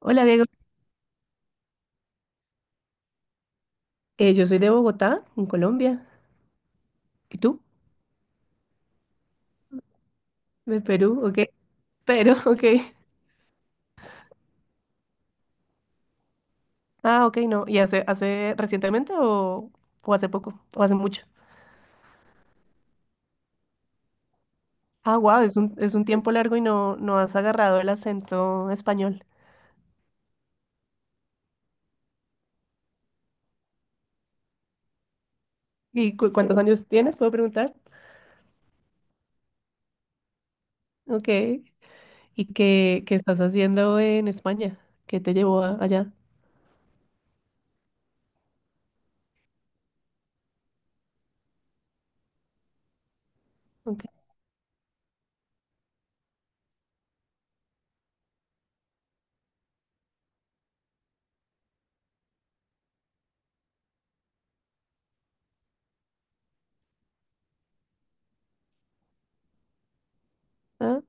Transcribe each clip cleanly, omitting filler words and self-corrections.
Hola Diego, yo soy de Bogotá, en Colombia. ¿Y tú? De Perú, ok. Pero, ok. Ah, ok, no. ¿Y hace recientemente o hace poco? ¿O hace mucho? Ah, wow, es un tiempo largo y no has agarrado el acento español. ¿Y cuántos años tienes? ¿Puedo preguntar? Ok. ¿Y qué estás haciendo en España? ¿Qué te llevó allá? Ok. Ah,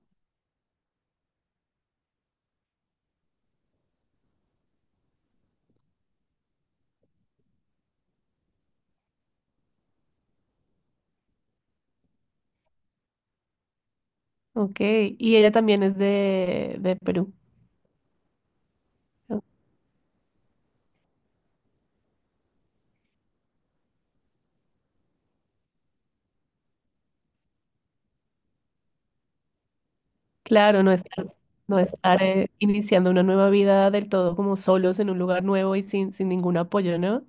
ok. Y ella también es de Perú. Claro, no estar, no estar iniciando una nueva vida del todo como solos en un lugar nuevo y sin ningún apoyo, ¿no?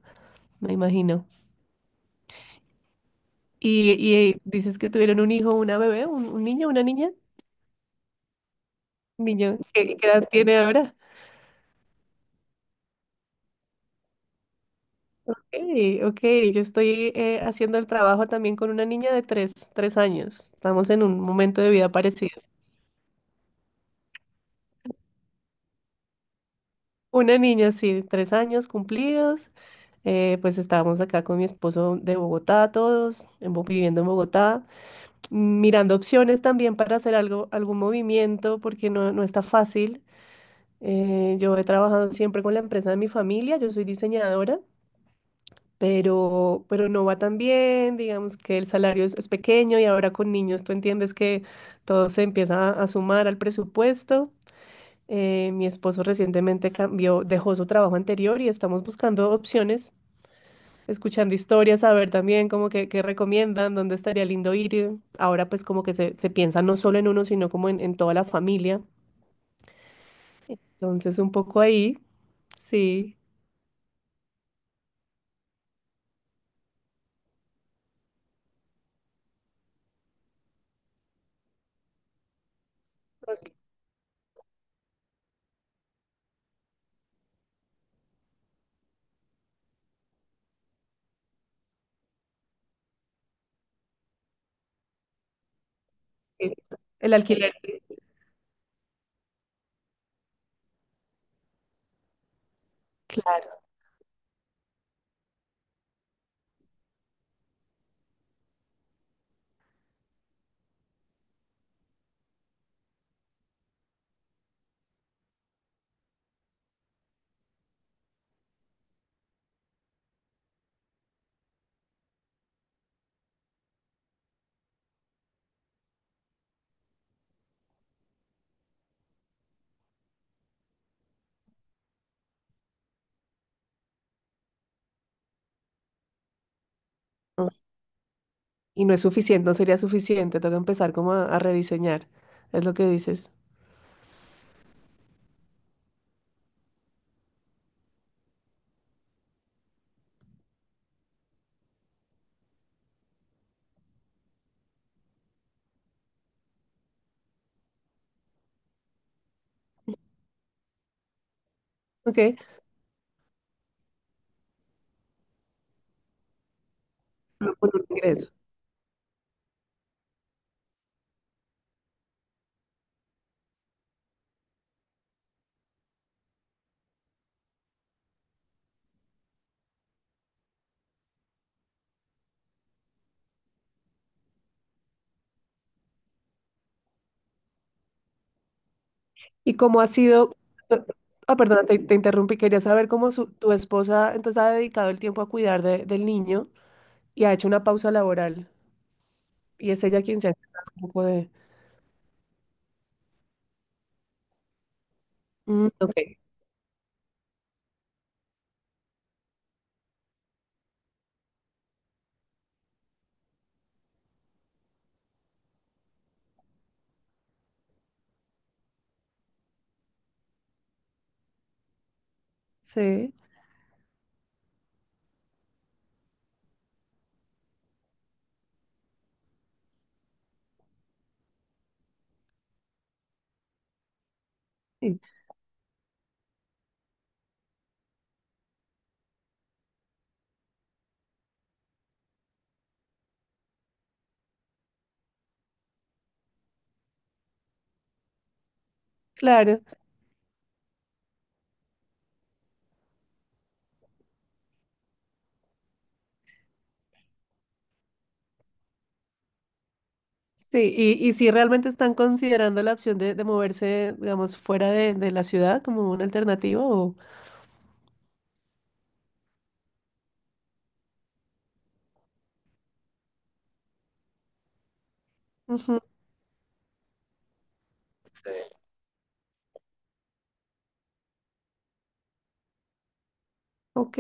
Me imagino. Y dices que tuvieron un hijo, una bebé, un niño, una niña, un niño. Qué edad tiene ahora? Okay, ok, yo estoy haciendo el trabajo también con una niña de tres años. Estamos en un momento de vida parecido. Una niña, sí, tres años cumplidos. Pues estábamos acá con mi esposo de Bogotá, todos en viviendo en Bogotá. Mirando opciones también para hacer algo, algún movimiento, porque no está fácil. Yo he trabajado siempre con la empresa de mi familia, yo soy diseñadora, pero no va tan bien, digamos que el salario es pequeño y ahora con niños tú entiendes que todo se empieza a sumar al presupuesto. Mi esposo recientemente cambió, dejó su trabajo anterior y estamos buscando opciones, escuchando historias, a ver también como qué recomiendan, dónde estaría lindo ir. Ahora pues como que se piensa no solo en uno, sino como en toda la familia. Entonces un poco ahí, sí, eh, el alquiler, claro, y no es suficiente, no sería suficiente, toca empezar como a rediseñar, es lo que dices. Ok, ingreso. ¿Y cómo ha sido? Ah, perdona, te interrumpí, quería saber cómo tu esposa entonces ha dedicado el tiempo a cuidar del niño y ha hecho una pausa laboral. Y es ella quien se ha encargado un poco de... Mm, ok. Sí, claro. Sí, y si realmente están considerando la opción de moverse, digamos, fuera de la ciudad como una alternativa o... Ujú, ok.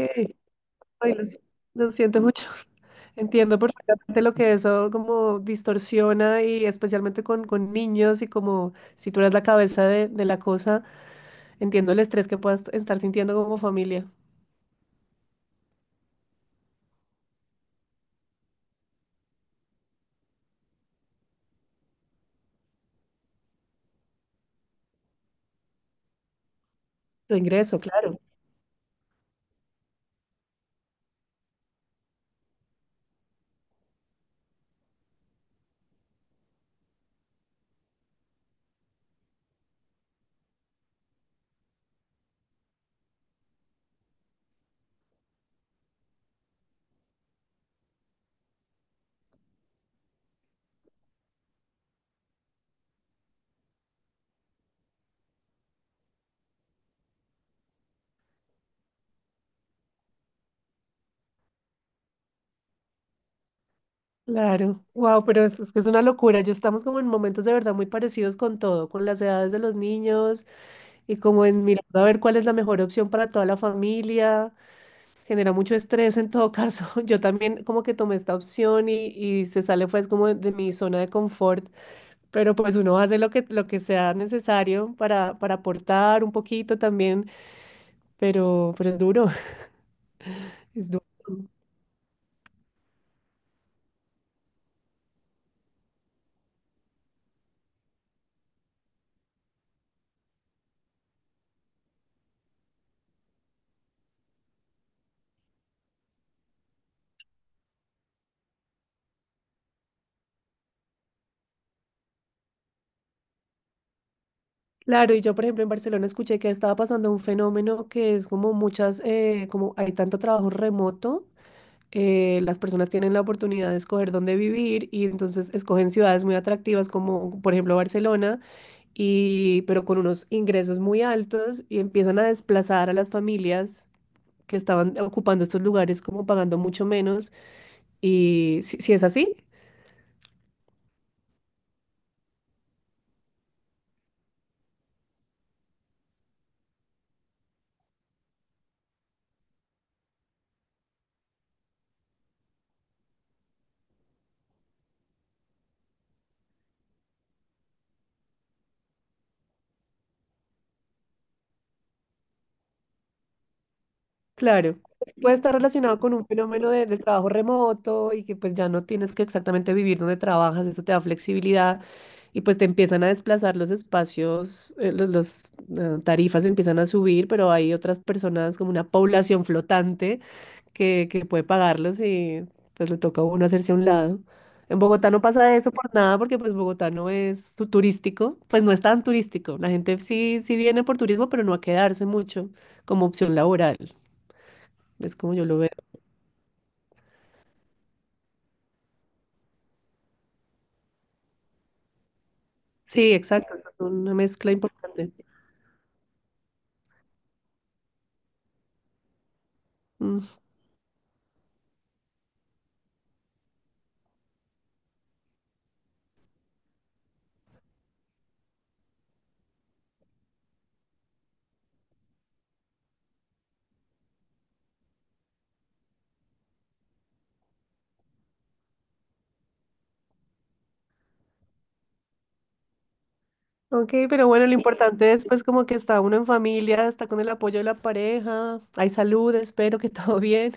Ay, lo, si- lo siento mucho. Entiendo perfectamente lo que eso como distorsiona y especialmente con niños y como si tú eres la cabeza de la cosa, entiendo el estrés que puedas estar sintiendo como familia. Tu ingreso, claro. Claro, wow, pero es que es una locura. Ya estamos como en momentos de verdad muy parecidos con todo, con las edades de los niños y como en mirar a ver cuál es la mejor opción para toda la familia. Genera mucho estrés en todo caso. Yo también como que tomé esta opción y se sale pues como de mi zona de confort, pero pues uno hace lo lo que sea necesario para aportar un poquito también, pero es duro, es duro. Claro, y yo, por ejemplo, en Barcelona escuché que estaba pasando un fenómeno que es como muchas, como hay tanto trabajo remoto, las personas tienen la oportunidad de escoger dónde vivir y entonces escogen ciudades muy atractivas como, por ejemplo, Barcelona, y, pero con unos ingresos muy altos y empiezan a desplazar a las familias que estaban ocupando estos lugares como pagando mucho menos. Y si es así. Claro, puede estar relacionado con un fenómeno de trabajo remoto y que pues ya no tienes que exactamente vivir donde trabajas, eso te da flexibilidad y pues te empiezan a desplazar los espacios, las tarifas empiezan a subir, pero hay otras personas como una población flotante que puede pagarlos y pues le toca a uno hacerse a un lado. En Bogotá no pasa eso por nada porque pues Bogotá no es turístico, pues no es tan turístico. La gente sí viene por turismo, pero no a quedarse mucho como opción laboral. Es como yo lo veo. Sí, exacto, es una mezcla importante. Mm, ok, pero bueno, lo importante es pues como que está uno en familia, está con el apoyo de la pareja, hay salud, espero que todo bien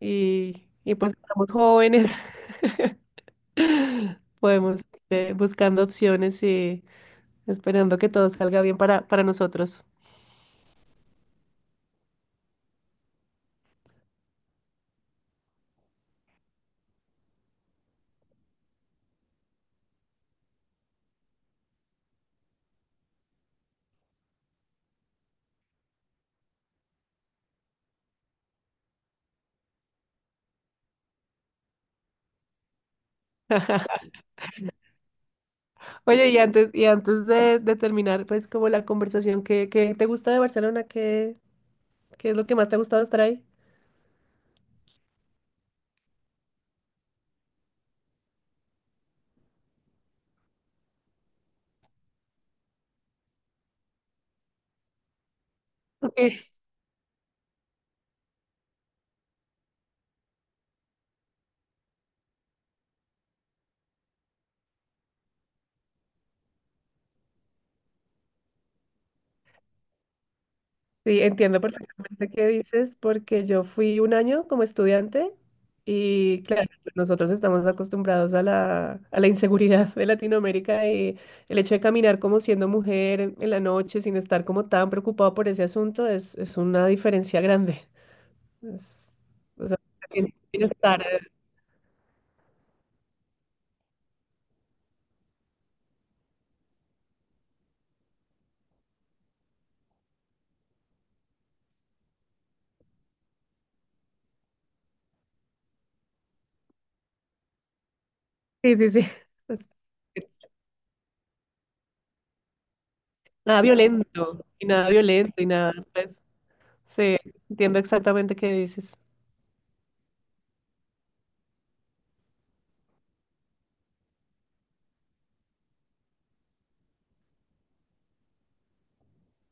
y pues estamos jóvenes, podemos ir buscando opciones y esperando que todo salga bien para nosotros. Oye, y antes de terminar pues como la conversación, qué te gusta de Barcelona? ¿Qué, qué es lo que más te ha gustado estar ahí? Ok. Sí, entiendo perfectamente qué dices, porque yo fui un año como estudiante y claro, pues, nosotros estamos acostumbrados a a la inseguridad de Latinoamérica y el hecho de caminar como siendo mujer en la noche sin estar como tan preocupado por ese asunto es una diferencia grande. Es- o sea, se siente bienestar. Eh, sí, sí, sí. Es- es nada violento y nada violento y nada, pues, sí, entiendo exactamente qué dices.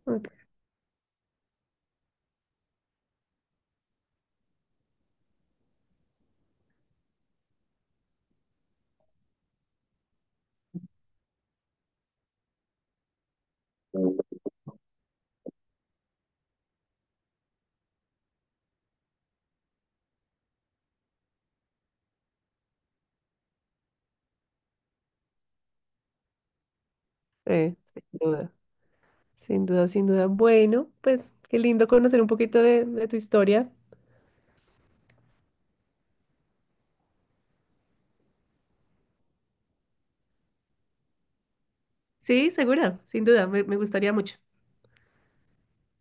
Ok, sí, sí, sin duda. Sin duda, sin duda. Bueno, pues qué lindo conocer un poquito de tu historia. Sí, segura, sin duda, me gustaría mucho.